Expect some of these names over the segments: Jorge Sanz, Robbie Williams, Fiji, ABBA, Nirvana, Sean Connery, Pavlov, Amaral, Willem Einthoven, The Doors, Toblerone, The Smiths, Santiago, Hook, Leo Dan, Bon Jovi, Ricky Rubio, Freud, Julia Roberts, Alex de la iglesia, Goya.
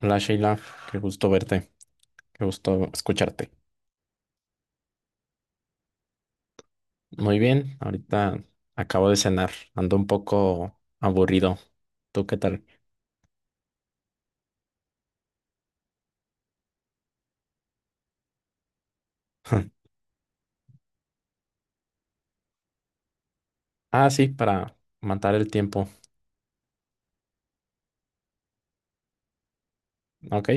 Hola Sheila, qué gusto verte, qué gusto escucharte. Muy bien, ahorita acabo de cenar, ando un poco aburrido. ¿Tú qué tal? Ah, sí, para matar el tiempo, ok.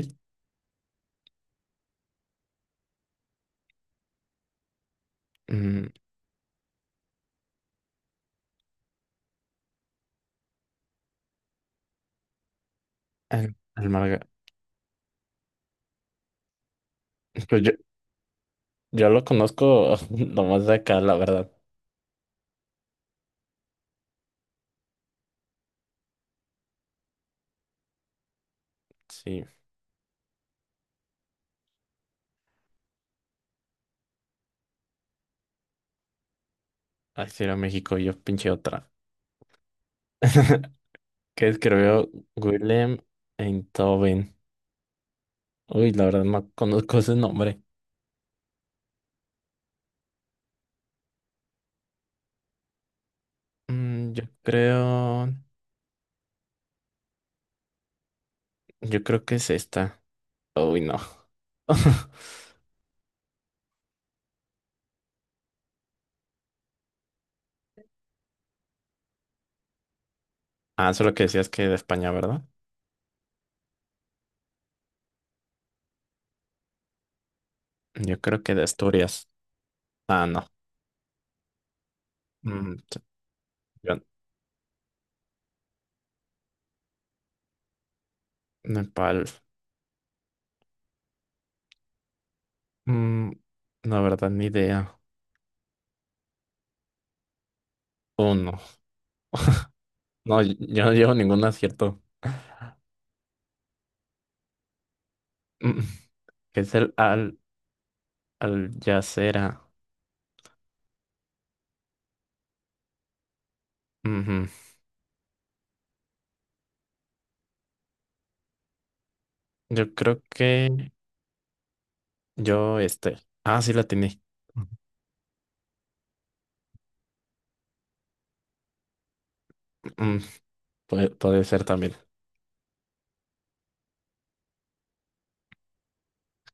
Mm, el, el marga- Pues yo lo conozco nomás de acá, la verdad. Sí, así era México, yo pinche otra. Que escribió Willem Einthoven. Uy, la verdad no conozco ese nombre. Mm, yo creo, yo creo que es esta. Uy, no. Ah, eso es lo que decías que de España, ¿verdad? Yo creo que de Asturias. Ah, no. Mm, t- yo- Nepal. Mm, la verdad, ni idea. Uno. No, yo no llevo ningún acierto. Mm, que es el al, al yacera. Ujú. Yo creo que yo este. Ah, sí la tiene. Puede ser también.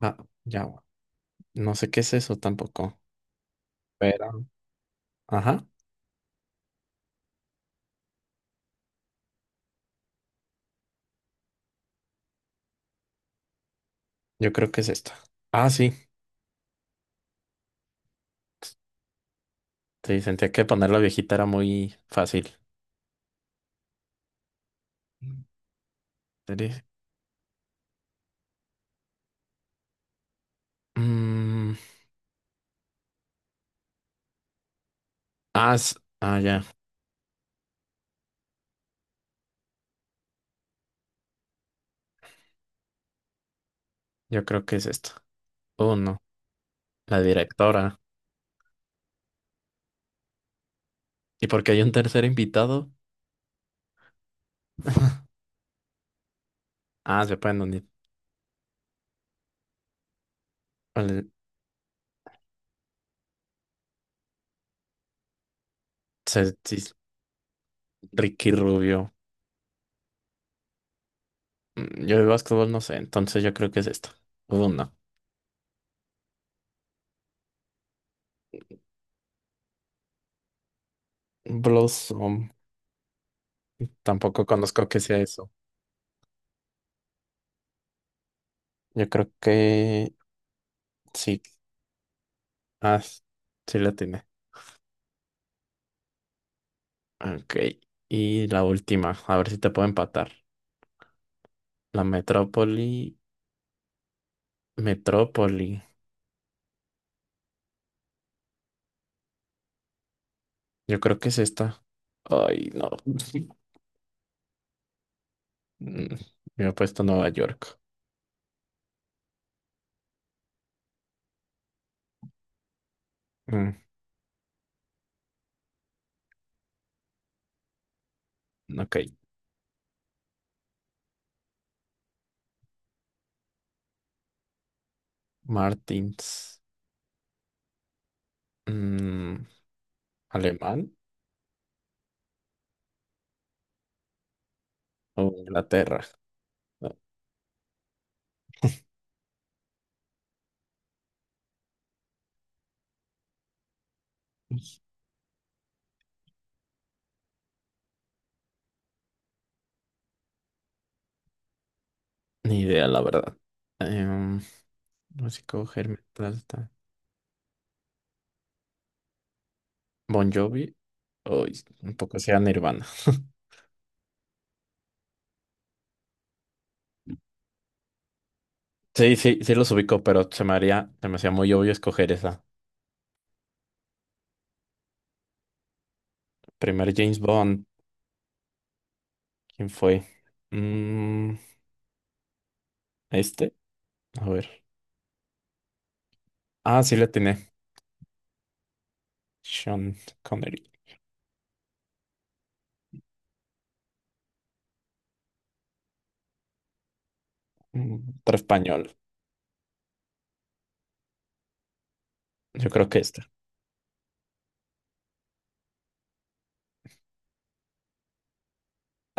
Ah, ya. No sé qué es eso tampoco. Pero. Ajá. Yo creo que es esta. Ah, sí. Sí, sentía que poner la viejita era muy fácil. Series. Mm, ah, s- ah, ya. Yo creo que es esto. Oh, no. La directora. ¿Y porque hay un tercer invitado? Ah, se pueden unir. Vale, sí, es Ricky Rubio. Mm, yo de básquetbol no sé, entonces yo creo que es esto. Oh, no. Blossom. Tampoco conozco que sea eso. Yo creo que sí. Ah, s- sí la tiene. Ok. Y la última. A ver si te puedo empatar. La metrópoli, metrópoli. Yo creo que es esta. Ay, no. Mm, me he puesto Nueva York. Mm, ok. Martins. Mm, ¿alemán o Inglaterra? No, ni idea, la verdad. Em, músico Hermes Plata. Bon Jovi. Uy, un poco sea Nirvana. Sí, sí, sí los ubico, pero se me hacía muy obvio escoger esa. Primer James Bond, ¿quién fue? Mm, este, a ver. Ah, sí, la tiene. Sean Connery. Mm, otro español. Yo creo que esta.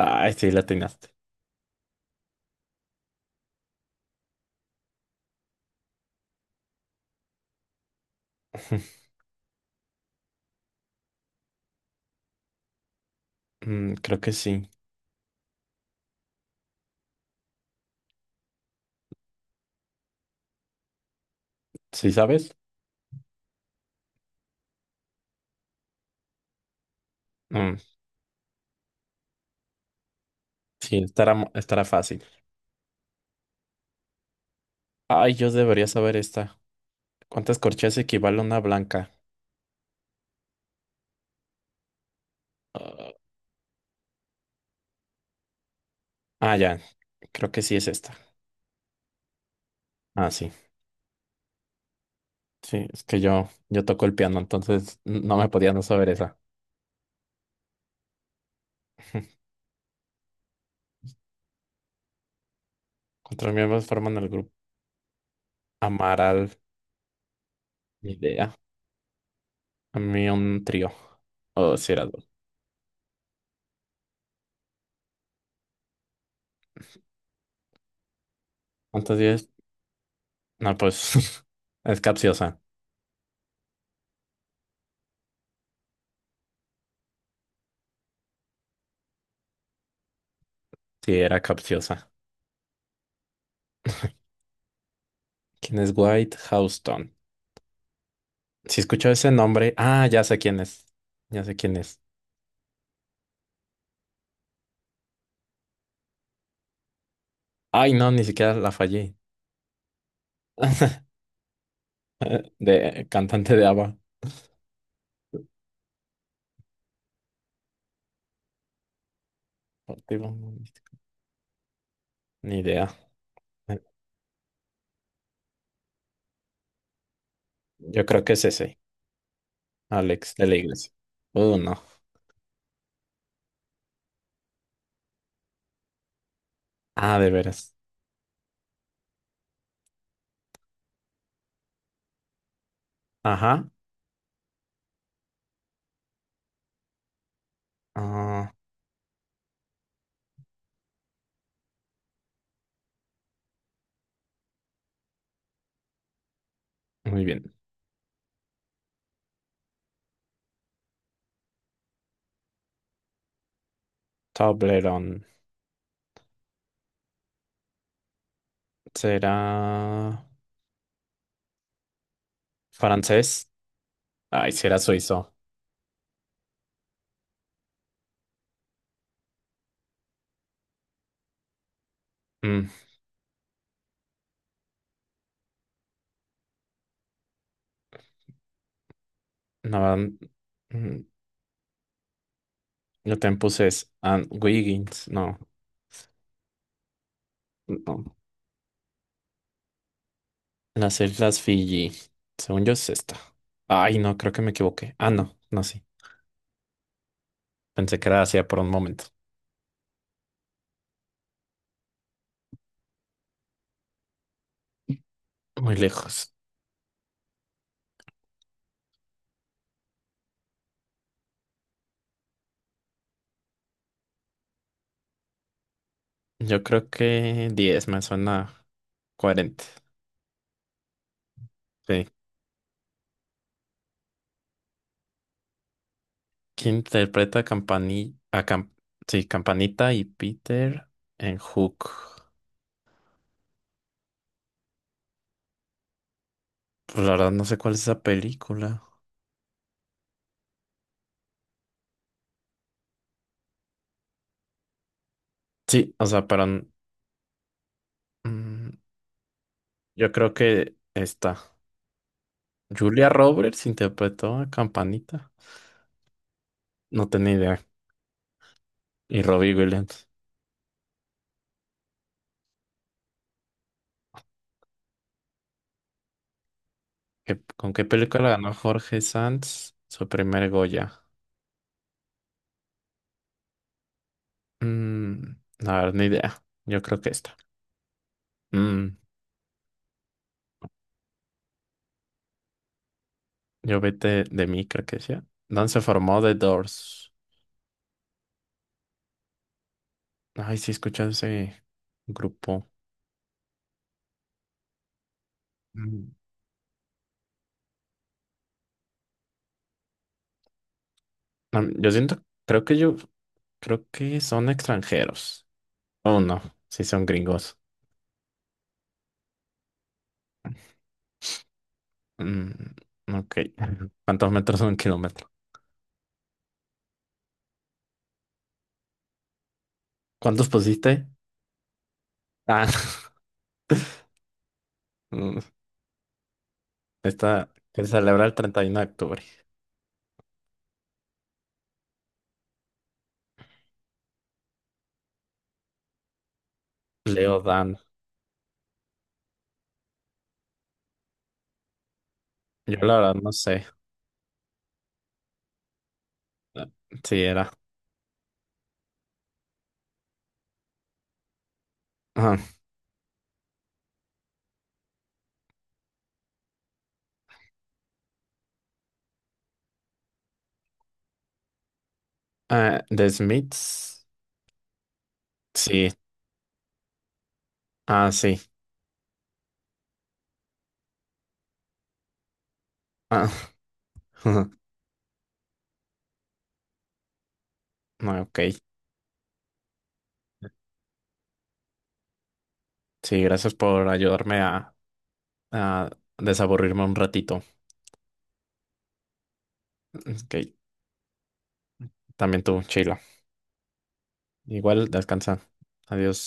Ay, sí, la atinaste. Mm, creo que sí. ¿Sí sabes? Mm, estará fácil. Ay, yo debería saber esta. ¿Cuántas corcheas equivale a una blanca? Ah, ah, ya. Creo que sí es esta. Ah, sí. Sí, es que yo toco el piano, entonces no me podía no saber esa. ¿Cuántos miembros forman el grupo? Amaral. Ni idea. A mí un trío. O si era dos. ¿Cuántos días? No, pues es capciosa. Sí, era capciosa. ¿Quién es White Houston? Si escucho ese nombre, ah, ya sé quién es. Ya sé quién es. Ay, no, ni siquiera la fallé. De cantante de ABBA. Motivo, no, ni idea. Eh, Yo creo que es ese, Alex de la Iglesia. No. Ah, de veras. Ajá. Ah, muy bien. Toblerone. ¿Será francés? Ay, será suizo. Mm, no, mm, Lo Tempus es and Wiggins. No, no. Las Islas Fiji. Según yo es esta. Ay, no, creo que me equivoqué. Ah, no, no, sí. Pensé que era Asia por un momento. Muy lejos. Yo creo que 10 me suena 40. Sí. ¿Quién interpreta a Campani a Cam- sí, ¿Campanita y Peter en Hook? Pues la verdad no sé cuál es esa película. Sí, o sea, pero mm, yo creo que esta. Julia Roberts interpretó a Campanita. No tenía idea. Y Robbie Williams. ¿Qué- ¿Con qué película ganó Jorge Sanz su primer Goya? Mm, a ver, ni idea. Yo creo que esta. Mm, yo vete de mí, creo que decía. ¿Dónde se formó The Doors? Ay, sí, escuché ese grupo. Mm. Yo siento, creo que son extranjeros. Oh, no, sí son gringos. Mm, ok. ¿Cuántos metros son un kilómetro? ¿Cuántos pusiste? Ah, esta que celebra el 31 de octubre. Leo Dan. Yo la verdad no sé sí era. Ajá. Ah, The Smiths. Sí. Ah, sí. Ah, ah, ok. Sí, gracias por ayudarme a desaburrirme un ratito. Ok. También tú, Sheila. Igual, descansa. Adiós.